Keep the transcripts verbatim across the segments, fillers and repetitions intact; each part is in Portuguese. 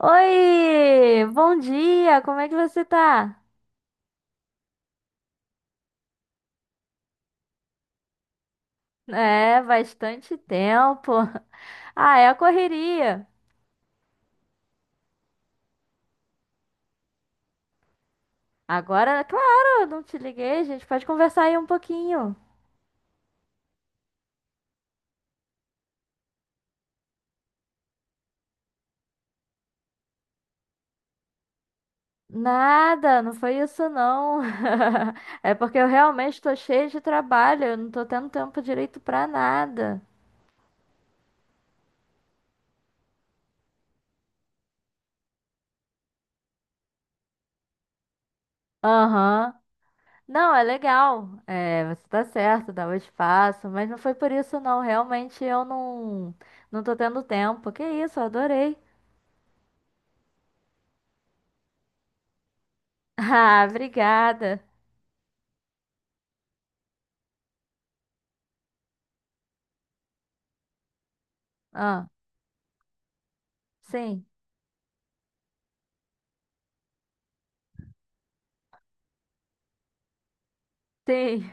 Oi, bom dia, como é que você tá? É, bastante tempo. Ah, é a correria. Agora, claro, não te liguei, gente pode conversar aí um pouquinho. Nada, não foi isso não. É porque eu realmente tô cheia de trabalho, eu não tô tendo tempo direito pra nada. Aham. Não, é legal. É, você tá certo, dá o espaço, mas não foi por isso não, realmente eu não não tô tendo tempo. Que isso, eu adorei. Ah, obrigada. Ah, sim, sim.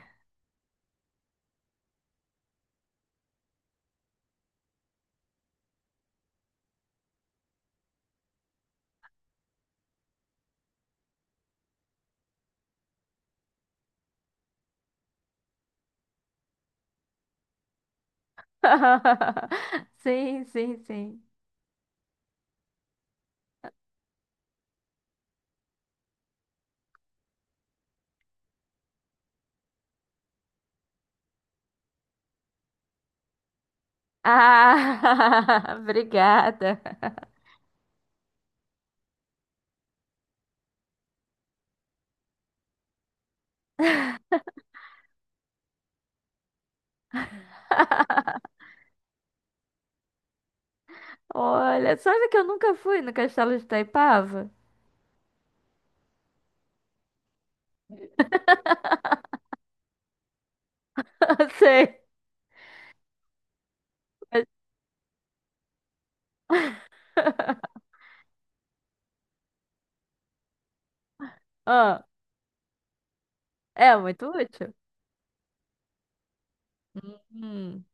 Sim, sim, sim. Ah, obrigada. Olha, sabe que eu nunca fui no Castelo de Itaipava? Sei. mas- Ah, é muito útil. Hum.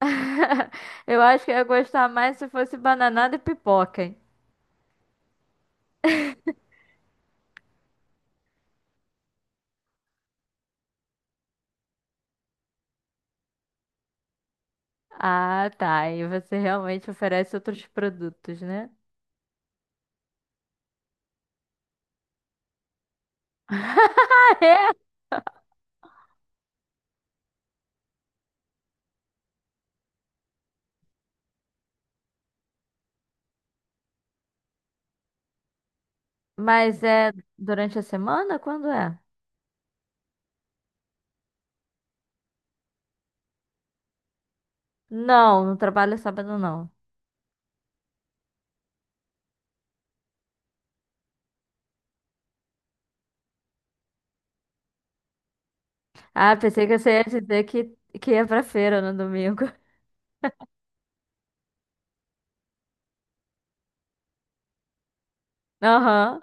Eu acho que eu ia gostar mais se fosse bananada e pipoca, hein? Ah, tá. E você realmente oferece outros produtos, né? Mas é durante a semana? Quando é? Não, não trabalho sábado, não. Ah, pensei que você ia dizer que, que ia pra feira no domingo. Aham.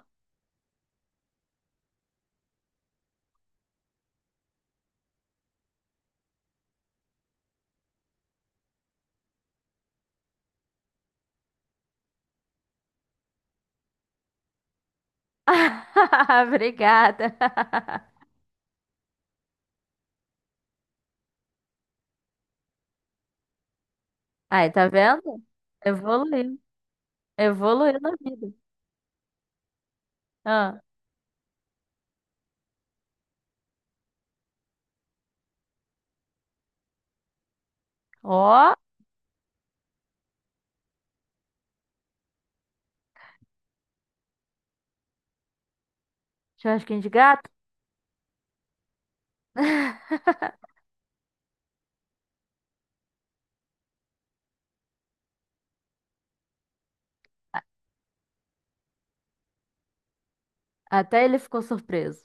Obrigada. Aí, tá vendo? Evoluiu. Evoluiu na vida. Ah, ó, churrasquinho de gato. Até ele ficou surpreso.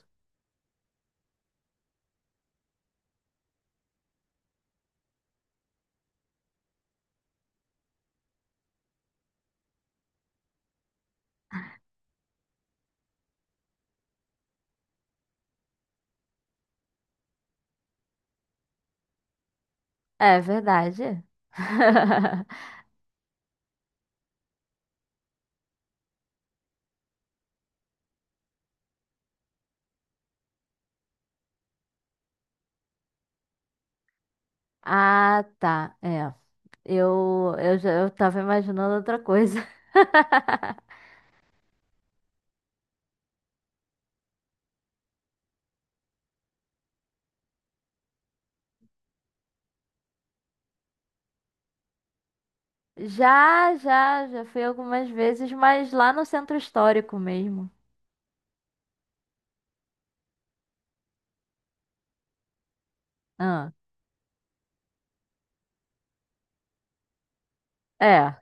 É verdade. Ah, tá. É. Eu, eu já eu tava imaginando outra coisa. Já, já, já fui algumas vezes, mas lá no centro histórico mesmo. Ah, é,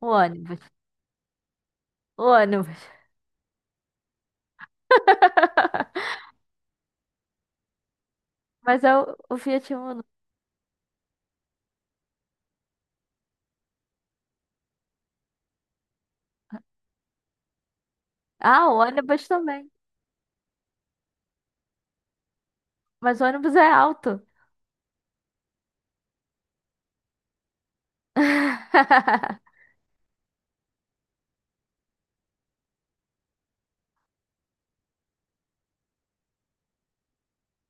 o ônibus. O ônibus. Mas é o, o Fiat Uno. Ah, o ônibus também. Mas o ônibus é alto.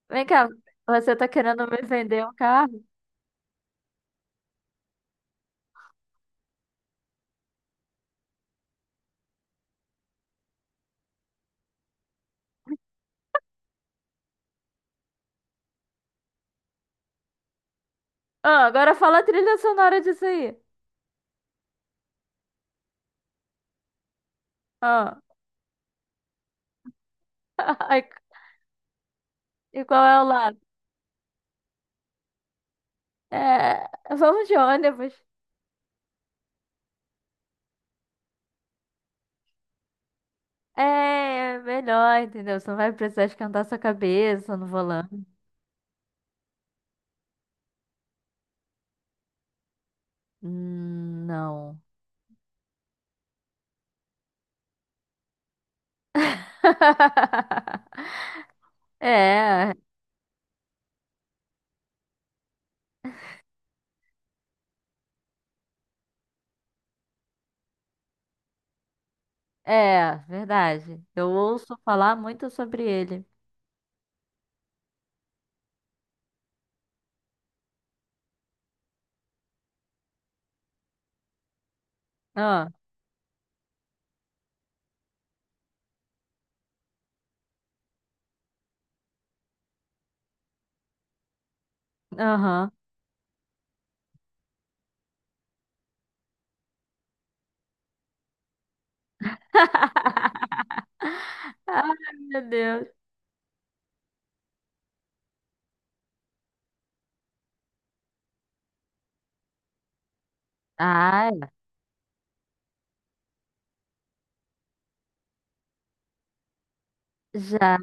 Vem cá, você tá querendo me vender um carro? Ah, agora fala a trilha sonora disso aí. Ah. Ai, e qual é o lado? É, vamos de ônibus. É melhor, entendeu? Você não vai precisar esquentar sua cabeça no volante. Hum, não. É, é, verdade. Eu ouço falar muito sobre ele. Ah, aham. Ai, meu Deus. Ah, já.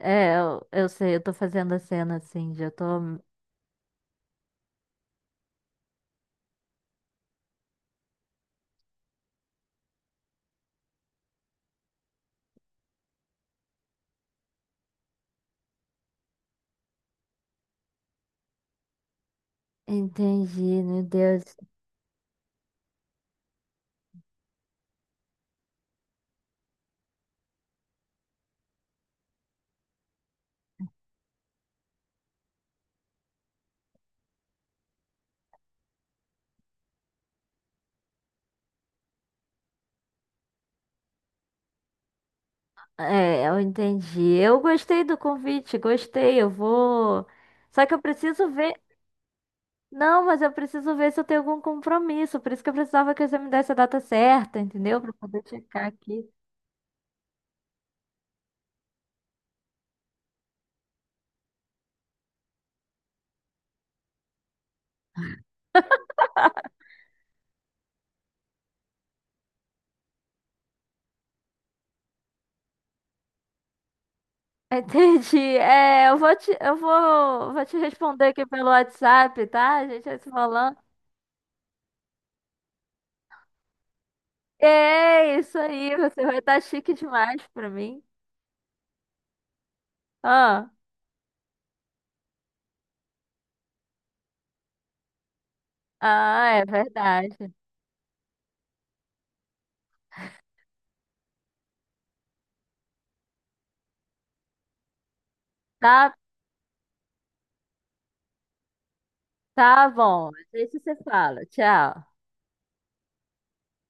É, eu, eu sei, eu tô fazendo a cena assim, já tô. Entendi, meu Deus. É, eu entendi. Eu gostei do convite, gostei. Eu vou. Só que eu preciso ver. Não, mas eu preciso ver se eu tenho algum compromisso. Por isso que eu precisava que você me desse a data certa, entendeu? Pra poder checar aqui. Entendi. É, eu vou te, eu vou, vou te responder aqui pelo WhatsApp, tá? A gente vai se falando. É isso aí, você vai estar chique demais pra mim. Ah, ah, é verdade. Tá, tá bom. Deixa você fala. Tchau.